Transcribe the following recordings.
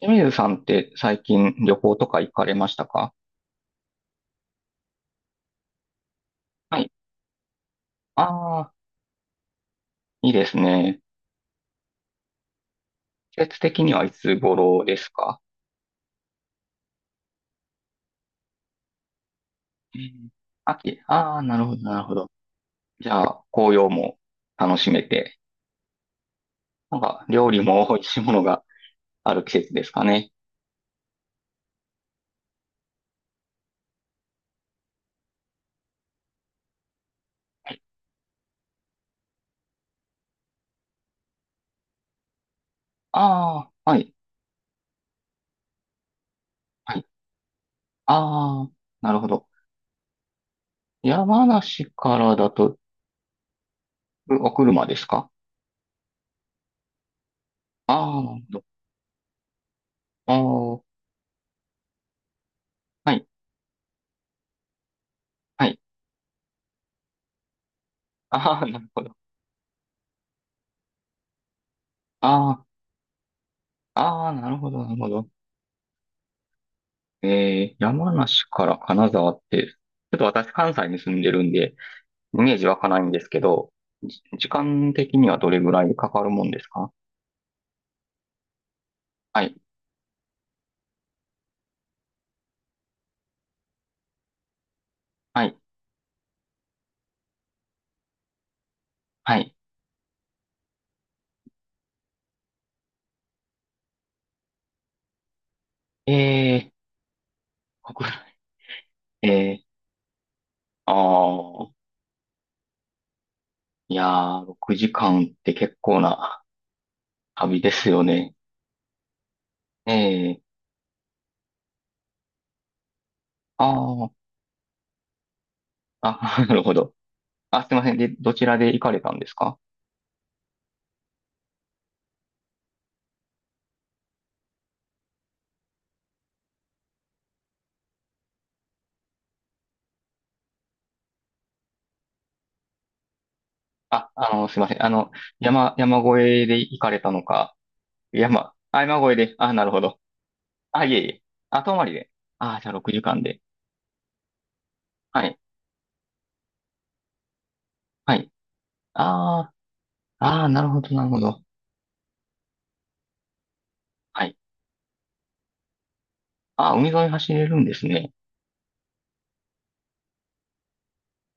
清水さんって最近旅行とか行かれましたか？はい。ああ、いいですね。季節的にはいつ頃ですか？うん、秋。ああ、なるほど、なるほど。じゃあ、紅葉も楽しめて、なんか料理も美味しいものがある季節ですかね。はい。ああ、はい、はい。ああ、なるほど。山梨からだと、車ですか？ああ、なるほど。ああ、はい、はい。ああ、なるほど。ああ、ああ、なるほど、なるほど。山梨から金沢って、ちょっと私関西に住んでるんで、イメージ湧かないんですけど、時間的にはどれぐらいかかるもんですか？はい、はい、はい。えー、国内、えー、あー、いやー、6時間って結構な旅ですよね。えー、あー、あ、なるほど。あ、すいません。で、どちらで行かれたんですか？あ、あの、すいません。あの、山、山越えで行かれたのか、山、あ、山越えで、あ、なるほど。あ、いえいえ。あ、泊回りで。あ、じゃあ6時間で。はい。はい。ああ、ああ、なるほど、なるほど。はい。ああ、海沿い走れるんですね。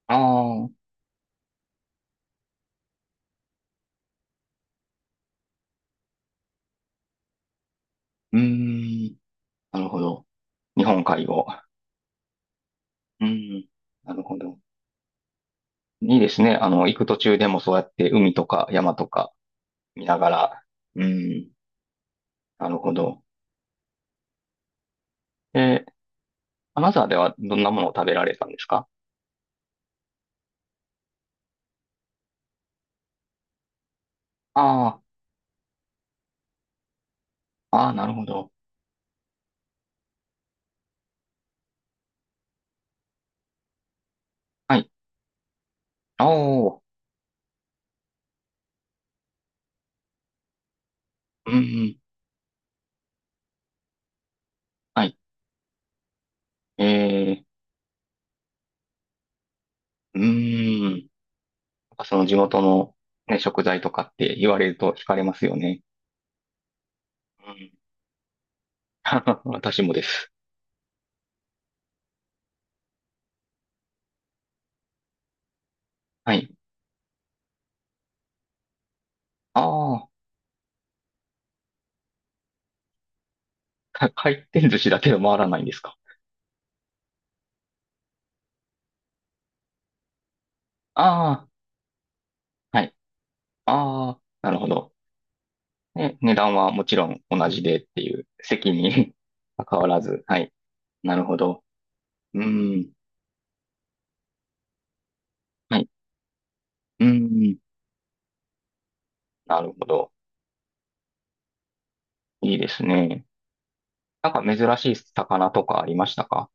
ああ、うーん。なるほど。日本海を。うーん。なるほど。いいですね。あの、行く途中でもそうやって海とか山とか見ながら。うーん。なるほど。えー、アナザーではどんなものを食べられたんですか？ああ、ああ、なるほど。はい。おー。うんうん。はい。えー、うーん。なんかその地元の、ね、食材とかって言われると惹かれますよね。うん。私もです。はい。ああ、回転寿司だけど回らないんですか。ああ、はい。ああ、なるほど。ね、値段はもちろん同じでっていう、席に 関わらず。はい。なるほど。うん。はい。うん。なるほど。いいですね。なんか珍しい魚とかありましたか？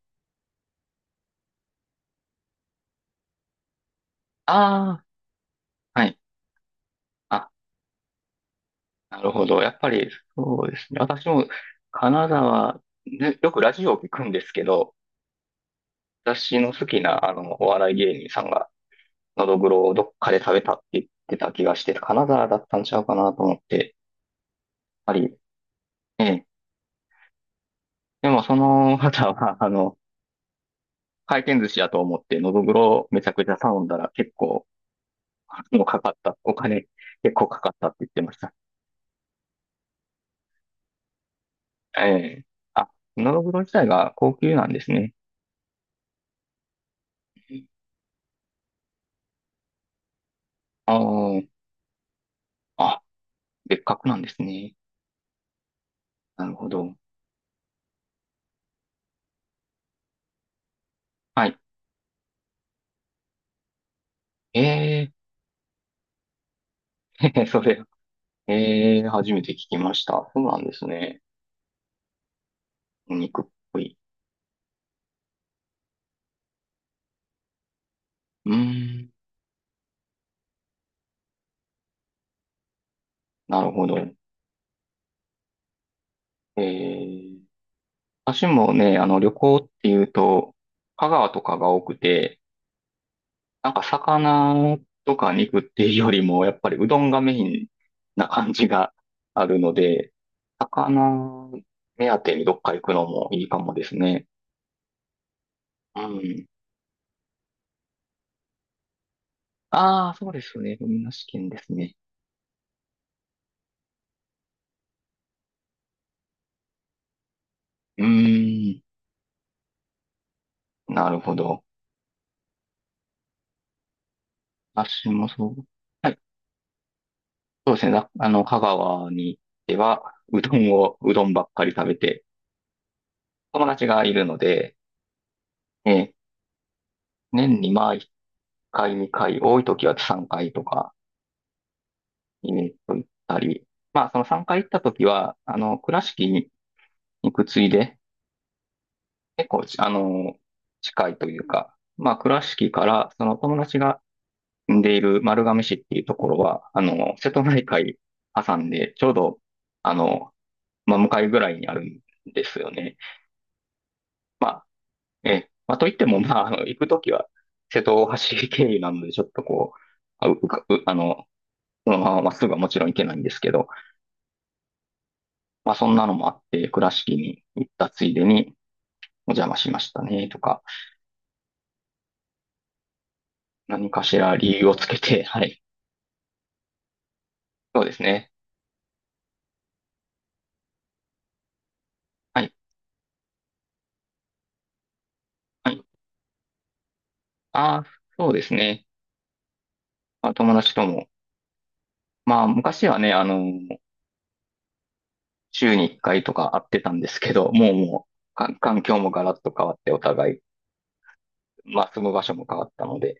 ああー、はい。あ、なるほど。やっぱり、そうですね。私も金沢、ね、よくラジオを聞くんですけど、私の好きなあのお笑い芸人さんが、のどぐろをどっかで食べたって言ってた気がして、金沢だったんちゃうかなと思って、やっぱり、ええ。でもその方は、あの、回転寿司やと思って、のどぐろをめちゃくちゃ頼んだら結構、あの、かかった。お金結構かかったって言ってました。ええ。あ、のどぐろ自体が高級なんですね。ああ、あ、別格なんですね。なるほど。はい。えー、それ、えー、初めて聞きました。そうなんですね。お肉っぽい。うーん、なるほど。えー、私もね、あの、旅行っていうと、香川とかが多くて、なんか魚とか肉っていうよりも、やっぱりうどんがメインな感じがあるので、魚目当てにどっか行くのもいいかもですね。うん。ああ、そうですね。海なし県ですね。うーん。なるほど。私もそう。はい。そうですね。あの、香川に行っては、うどんを、うどんばっかり食べて、友達がいるので、えー、年にまあ1回、2回、多い時は3回とか、イベント行ったり、まあその3回行った時は、あの、倉敷に行くついで、結構、あの、近いというか、まあ倉敷から、その友達が住んでいる丸亀市っていうところは、あの、瀬戸内海挟んで、ちょうど、あの、まあ、向かいぐらいにあるんですよね。まあ、ええ。まあ、といっても、まあ、あの、行くときは、瀬戸大橋経由なので、ちょっとこう、あ、ううかうあの、そのまままっすぐはもちろん行けないんですけど、まあ、そんなのもあって、倉敷に行ったついでにお邪魔しましたね、とか、何かしら理由をつけて、はい。そうですね。はい。はい。ああ、そうですね。まあ、友達とも。まあ、昔はね、あの、週に1回とか会ってたんですけど、もうもう、か環境もガラッと変わってお互い、まあ、住む場所も変わったので、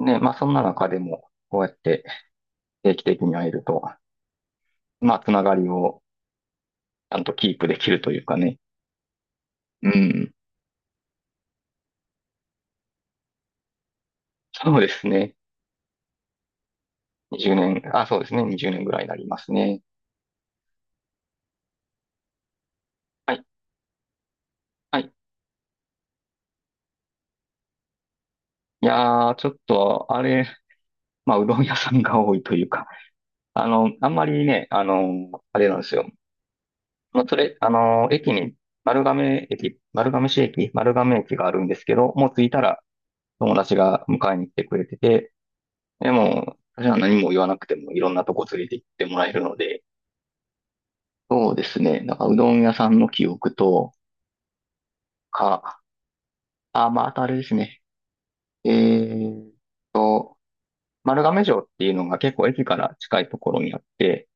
ね、まあ、そんな中でも、こうやって定期的に会えると、まあ、つながりをちゃんとキープできるというかね。うん。そうですね。20年、あ、そうですね。20年ぐらいになりますね。はい。はい。いやー、ちょっと、あれ、まあ、うどん屋さんが多いというか、あの、あんまりね、あの、あれなんですよ。まあ、それ、あの、駅に、丸亀駅、丸亀市駅、丸亀駅があるんですけど、もう着いたら友達が迎えに来てくれてて、でも、私は何も言わなくてもいろんなとこ連れて行ってもらえるので、そうですね。なんかうどん屋さんの記憶とか、あ、まあ、あとあれですね。えーっと、丸亀城っていうのが結構駅から近いところにあって、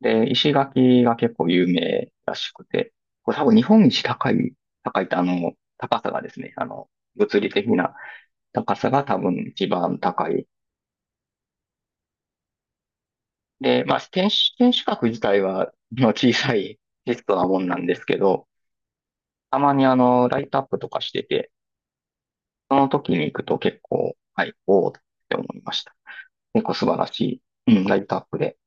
で、石垣が結構有名らしくて、これ多分日本一高い、高いってあの、高さがですね、あの、物理的な高さが多分一番高い。で、まあ、天守、天守閣自体は、まあ、小さいテストなもんなんですけど、たまにあの、ライトアップとかしてて、その時に行くと結構、はい、おおって思いました。結構素晴らしい、うん、ライトアップで。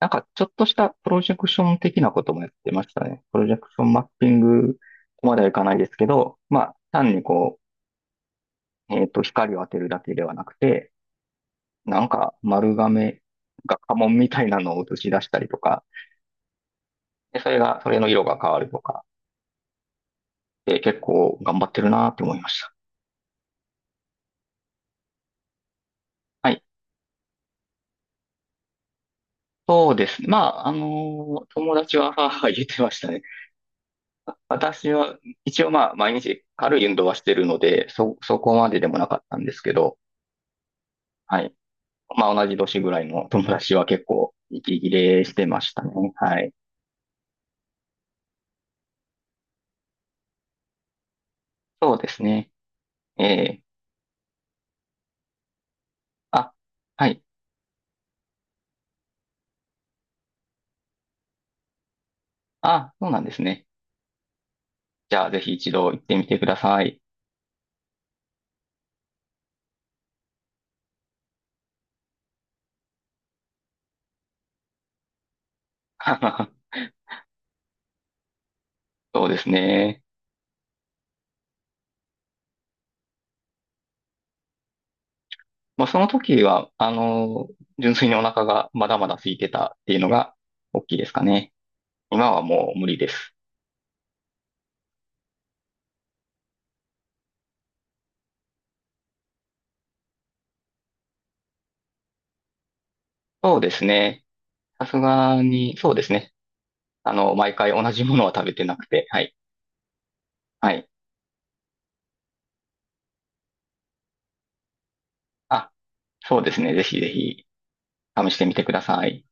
なんか、ちょっとしたプロジェクション的なこともやってましたね。プロジェクションマッピングまではいかないですけど、まあ、単にこう、光を当てるだけではなくて、なんか丸亀が家紋みたいなのを映し出したりとか、で、それが、それの色が変わるとか、で、結構頑張ってるなって思いました。はい。そうですね。まあ、あの友達は、はは言ってましたね。あ、私は、一応まあ、毎日軽い運動はしてるので、そこまででもなかったんですけど、はい。まあ、同じ年ぐらいの友達は結構、息切れしてましたね。はい。そうですね。ええ、あ、はい。あ、そうなんですね。じゃあ、ぜひ一度行ってみてください。そうですね。まあ、その時は、あの、純粋にお腹がまだまだ空いてたっていうのが、大きいですかね。今はもう無理です。そうですね。さすがに、そうですね。あの、毎回同じものは食べてなくて、はい。はい。あ、そうですね。ぜひぜひ試してみてください。